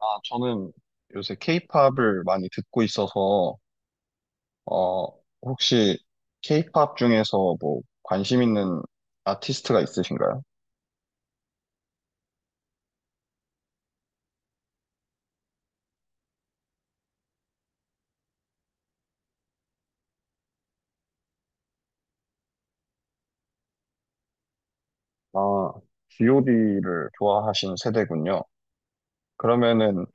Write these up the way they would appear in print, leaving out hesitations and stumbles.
아, 저는 요새 케이팝을 많이 듣고 있어서, 어, 혹시 케이팝 중에서 뭐 관심 있는 아티스트가 있으신가요? 아, GOD를 좋아하시는 세대군요. 그러면은,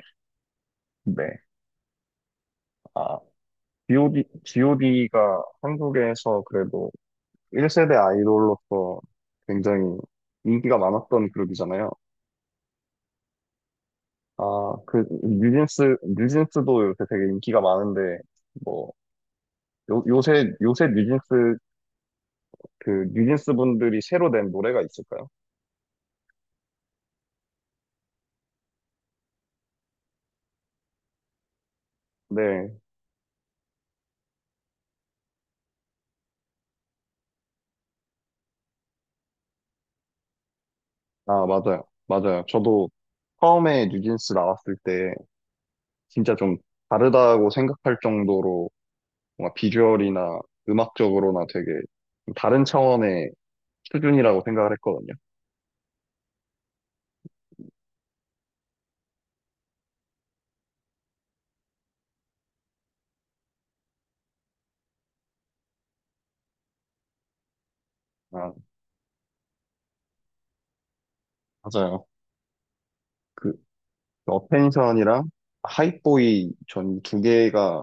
네. 아, GOD가 한국에서 그래도 1세대 아이돌로서 굉장히 인기가 많았던 그룹이잖아요. 아, 그, 뉴진스도 요새 되게 인기가 많은데, 뭐, 요, 요새, 요새 뉴진스 그 뉴진스 분들이 새로 낸 노래가 있을까요? 네. 아, 맞아요. 맞아요. 저도 처음에 뉴진스 나왔을 때 진짜 좀 다르다고 생각할 정도로 뭔가 비주얼이나 음악적으로나 되게 좀 다른 차원의 수준이라고 생각을 했거든요. 아, 맞아요. 그 어펜션이랑 하이보이 전 2개가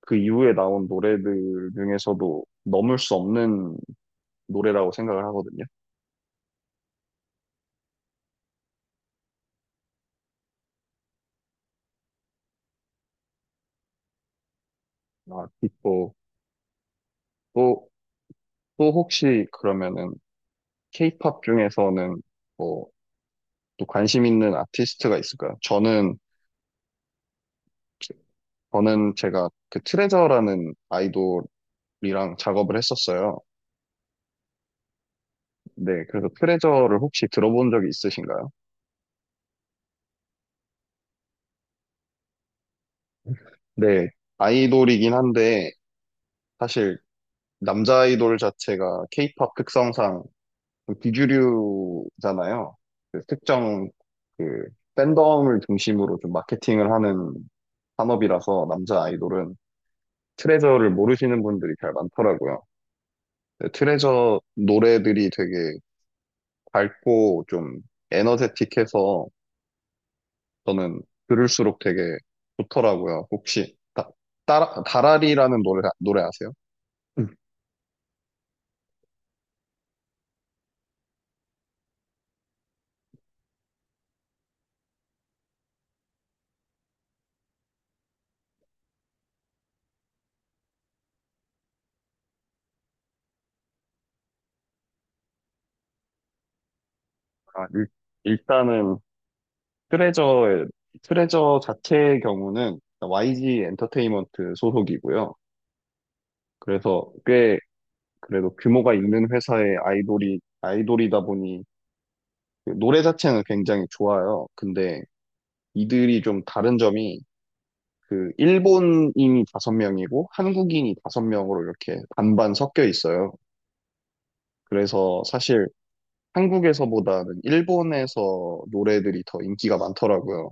그 이후에 나온 노래들 중에서도 넘을 수 없는 노래라고 생각을 하거든요. 아, 또, 또, 또 혹시 그러면은 케이팝 중에서는 뭐 또 관심 있는 아티스트가 있을까요? 저는 제가 그 트레저라는 아이돌이랑 작업을 했었어요. 네, 그래서 트레저를 혹시 들어본 적이 있으신가요? 네, 아이돌이긴 한데 사실 남자 아이돌 자체가 케이팝 특성상 좀 비주류잖아요. 그 특정 그 팬덤을 중심으로 좀 마케팅을 하는 산업이라서 남자 아이돌은 트레저를 모르시는 분들이 잘 많더라고요. 네, 트레저 노래들이 되게 밝고 좀 에너제틱해서 저는 들을수록 되게 좋더라고요. 혹시 다라리라는 노래 아세요? 음. 아, 일단은 트레저의, 트레저 자체의 경우는 YG 엔터테인먼트 소속이고요. 그래서 꽤 그래도 규모가 있는 회사의 아이돌이다 보니 그 노래 자체는 굉장히 좋아요. 근데 이들이 좀 다른 점이 그 일본인이 5명이고 한국인이 5명으로 이렇게 반반 섞여 있어요. 그래서 사실 한국에서보다는 일본에서 노래들이 더 인기가 많더라고요.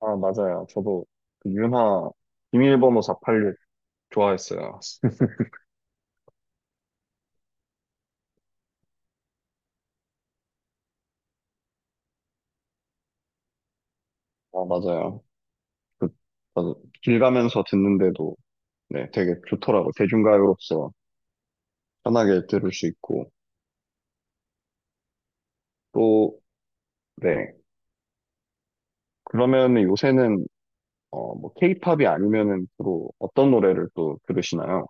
아, 맞아요. 저도 그 윤하 비밀번호 486 좋아했어요. 아, 맞아요. 그, 저도 길 가면서 듣는데도 네, 되게 좋더라고요. 대중가요로서 편하게 들을 수 있고. 또, 네. 그러면 요새는 뭐 케이팝이 아니면은 주로 어떤 노래를 또 들으시나요?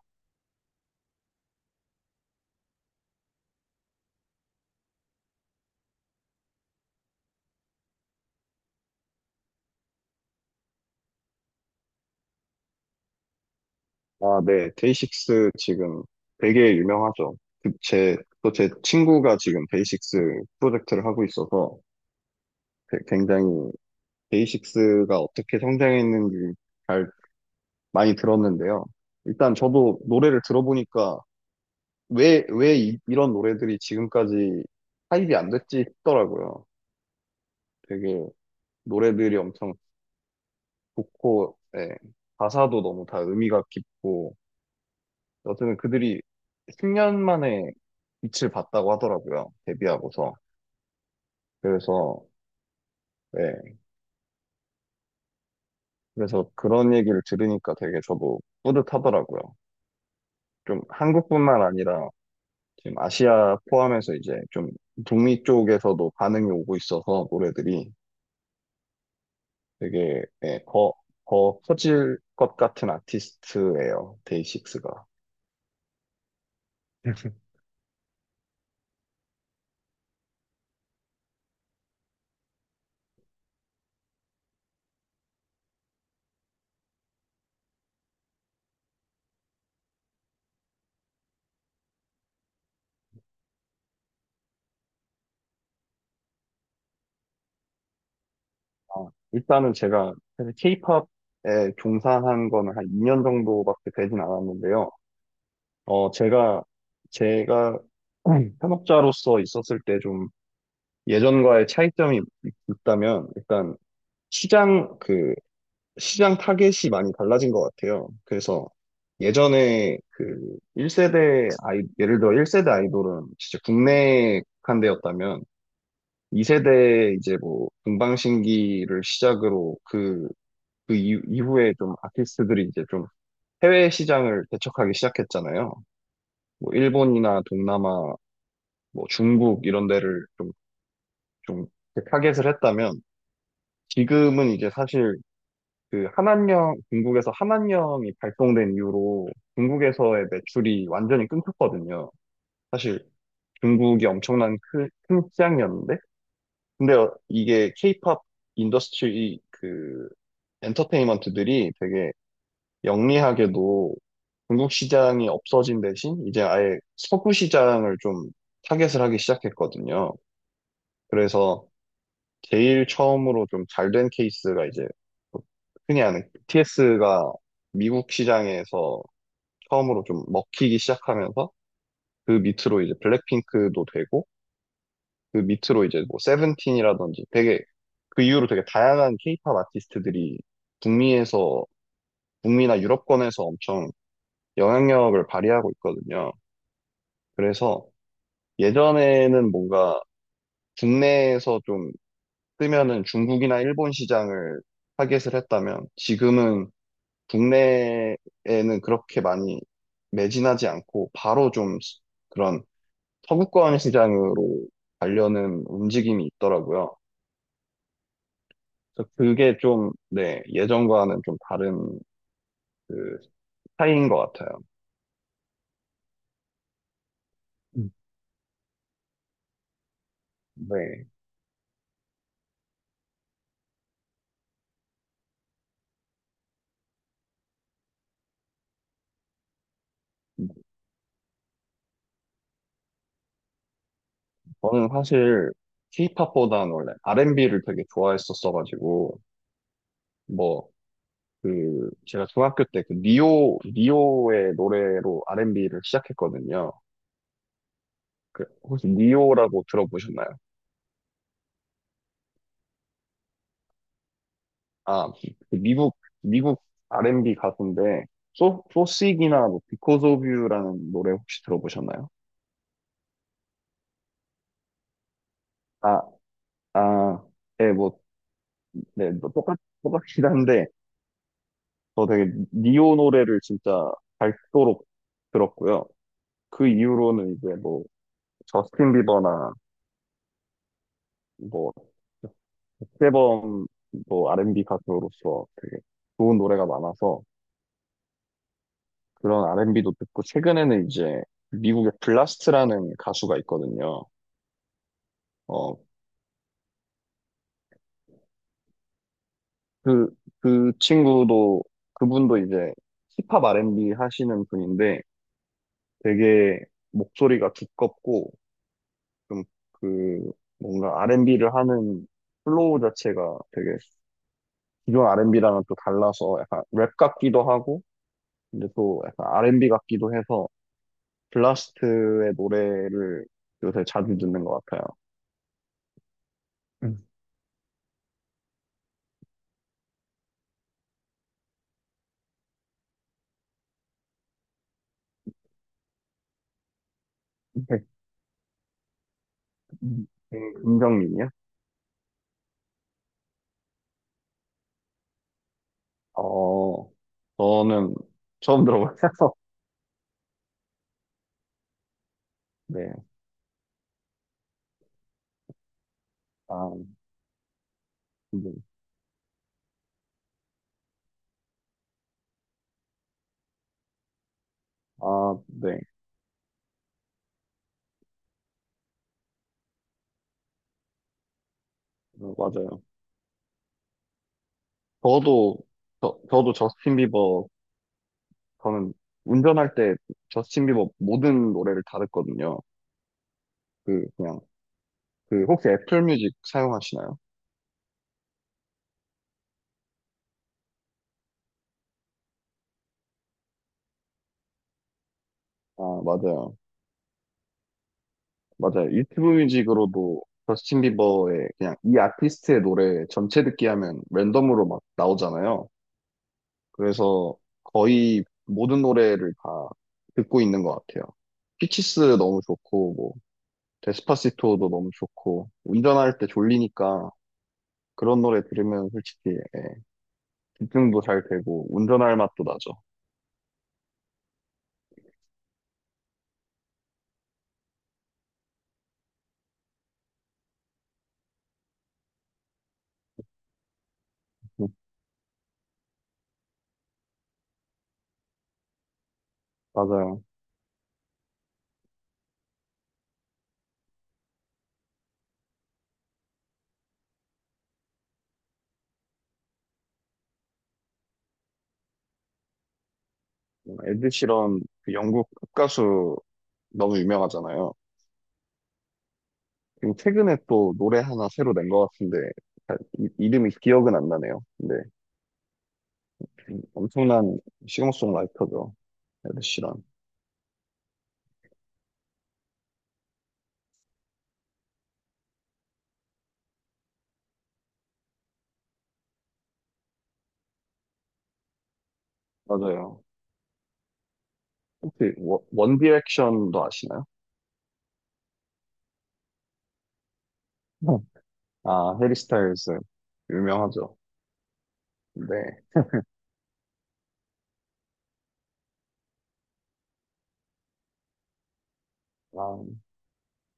아, 네. 데이식스 지금 되게 유명하죠. 그 또 제 친구가 지금 데이식스 프로젝트를 하고 있어서 굉장히 데이식스가 어떻게 성장했는지 잘 많이 들었는데요. 일단 저도 노래를 들어보니까 왜 이런 노래들이 지금까지 타입이 안 됐지 싶더라고요. 되게 노래들이 엄청 좋고, 예. 가사도 너무 다 의미가 깊고, 어쨌든 그들이 10년 만에 빛을 봤다고 하더라고요. 데뷔하고서. 그래서, 네. 그래서 그런 얘기를 들으니까 되게 저도 뿌듯하더라고요. 좀 한국뿐만 아니라 지금 아시아 포함해서 이제 좀 북미 쪽에서도 반응이 오고 있어서 노래들이 되게, 네, 더 커질 것 같은 아티스트예요. 데이식스가. 아, 일단은 제가 사실 케이팝에 종사한 거는 한 2년 정도밖에 되진 않았는데요. 어, 제가, 제가 현업자로서 있었을 때 좀 예전과의 차이점이 있다면 일단 시장, 그, 시장 타겟이 많이 달라진 것 같아요. 그래서 예전에 그 1세대 예를 들어 1세대 아이돌은 진짜 국내에 국한되었다면 2세대 이제 뭐 동방신기를 시작으로 그 이후에 좀 아티스트들이 이제 좀 해외 시장을 개척하기 시작했잖아요. 뭐 일본이나 동남아 뭐 중국 이런 데를 좀 타겟을 했다면 지금은 이제 사실 그 한안령, 중국에서 한안령이 발동된 이후로 중국에서의 매출이 완전히 끊겼거든요. 사실 중국이 엄청난 큰 시장이었는데 근데 이게 케이팝 인더스트리 그 엔터테인먼트들이 되게 영리하게도 중국 시장이 없어진 대신 이제 아예 서구 시장을 좀 타겟을 하기 시작했거든요. 그래서 제일 처음으로 좀 잘된 케이스가 이제 흔히 아는 BTS가 미국 시장에서 처음으로 좀 먹히기 시작하면서 그 밑으로 이제 블랙핑크도 되고 그 밑으로 이제 뭐 세븐틴이라든지 되게 그 이후로 되게 다양한 케이팝 아티스트들이 북미에서 북미나 유럽권에서 엄청 영향력을 발휘하고 있거든요. 그래서 예전에는 뭔가 국내에서 좀 뜨면은 중국이나 일본 시장을 타겟을 했다면 지금은 국내에는 그렇게 많이 매진하지 않고 바로 좀 그런 서구권 시장으로 가려는 움직임이 있더라고요. 그래서 그게 좀, 네, 예전과는 좀 다른 그 스타일인 것 같아요. 음. 네. 저는 사실 K-팝보다는 원래 R&B를 되게 좋아했었어가지고 뭐 그 제가 중학교 때 그 니오의 노래로 R&B를 시작했거든요. 그 혹시 니오라고 들어보셨나요? 아, 그 미국 R&B 가수인데, 소식이나 뭐, Because of You라는 노래 혹시 들어보셨나요? 아, 아, 네, 뭐, 네, 뭐 똑같긴 한데, 저 되게 니오 노래를 진짜 밝도록 들었고요. 그 이후로는 이제 뭐, 저스틴 비버나 뭐, 백세범 뭐, R&B 가수로서 되게 좋은 노래가 많아서 그런 R&B도 듣고, 최근에는 이제 미국의 블라스트라는 가수가 있거든요. 어, 그, 그 친구도, 그분도 이제 힙합 R&B 하시는 분인데 되게 목소리가 두껍고 좀 그 뭔가 R&B를 하는 플로우 자체가 되게 기존 R&B랑은 또 달라서 약간 랩 같기도 하고 근데 또 약간 R&B 같기도 해서 블라스트의 노래를 요새 자주 듣는 것 같아요. 음, 백- 음, 김정민이요? 어, 저는 처음 들어봐서, 네, 아, 아, 네. 맞아요. 저도, 저, 저도 저스틴 비버, 저는 운전할 때 저스틴 비버 모든 노래를 다 듣거든요. 그, 그냥, 혹시 애플 뮤직 사용하시나요? 아, 맞아요. 맞아요. 유튜브 뮤직으로도 저스틴 비버의 그냥 이 아티스트의 노래 전체 듣기 하면 랜덤으로 막 나오잖아요. 그래서 거의 모든 노래를 다 듣고 있는 것 같아요. 피치스 너무 좋고, 뭐, 데스파시토도 너무 좋고 운전할 때 졸리니까 그런 노래 들으면 솔직히 예, 집중도 잘 되고 운전할 맛도 나죠. 음, 맞아요. 에드 시런 그 영국 팝가수 너무 유명하잖아요. 그리고 최근에 또 노래 하나 새로 낸 것 같은데 잘 이름이 기억은 안 나네요. 근데 엄청난 싱어송라이터죠. 에드 시런. 맞아요. 혹시 원 디렉션도 아시나요? 네. 아, 해리 스타일즈 유명하죠. 네. 아,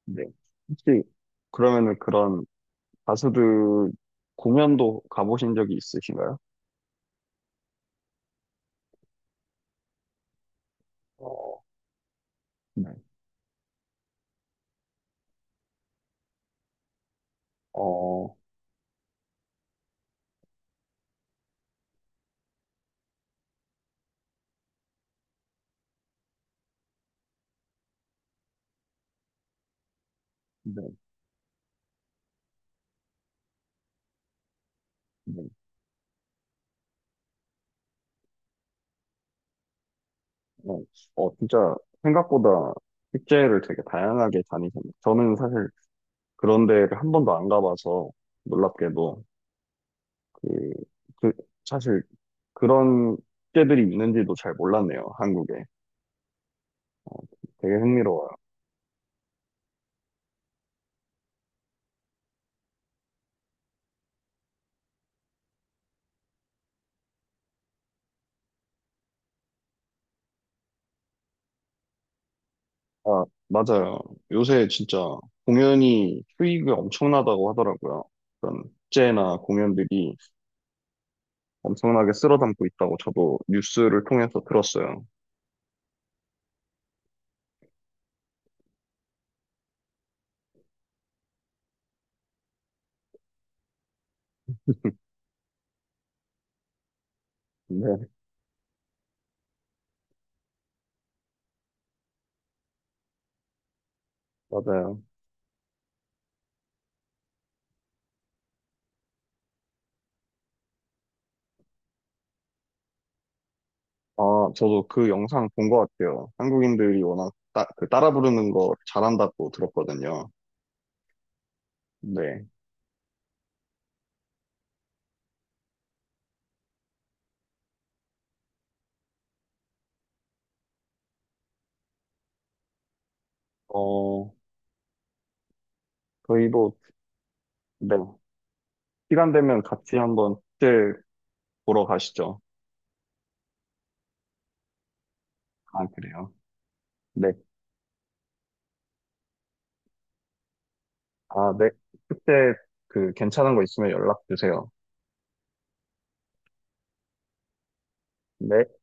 네. 혹시 그러면은 그런 가수들 공연도 가보신 적이 있으신가요? 어, 네. 어, 네, 네. 어, 진짜 생각보다 축제를 되게 다양하게 다니셨네요. 저는 사실 그런 데를 한 번도 안 가봐서 놀랍게도 그, 그 사실 그런 축제들이 있는지도 잘 몰랐네요, 한국에. 어, 되게 맞아요. 요새 진짜 공연이 수익이 엄청나다고 하더라고요. 그런 축제나 공연들이 엄청나게 쓸어담고 있다고 저도 뉴스를 통해서 들었어요. 네, 맞아요. 아, 저도 그 영상 본 것 같아요. 한국인들이 워낙 따, 그 따라 부르는 거 잘한다고 들었거든요. 네. 어, 저희 도 네. 시간 되면 같이 한번 축제 보러 가시죠. 아, 그래요? 네. 아, 네. 축제 그 괜찮은 거 있으면 연락 주세요. 네.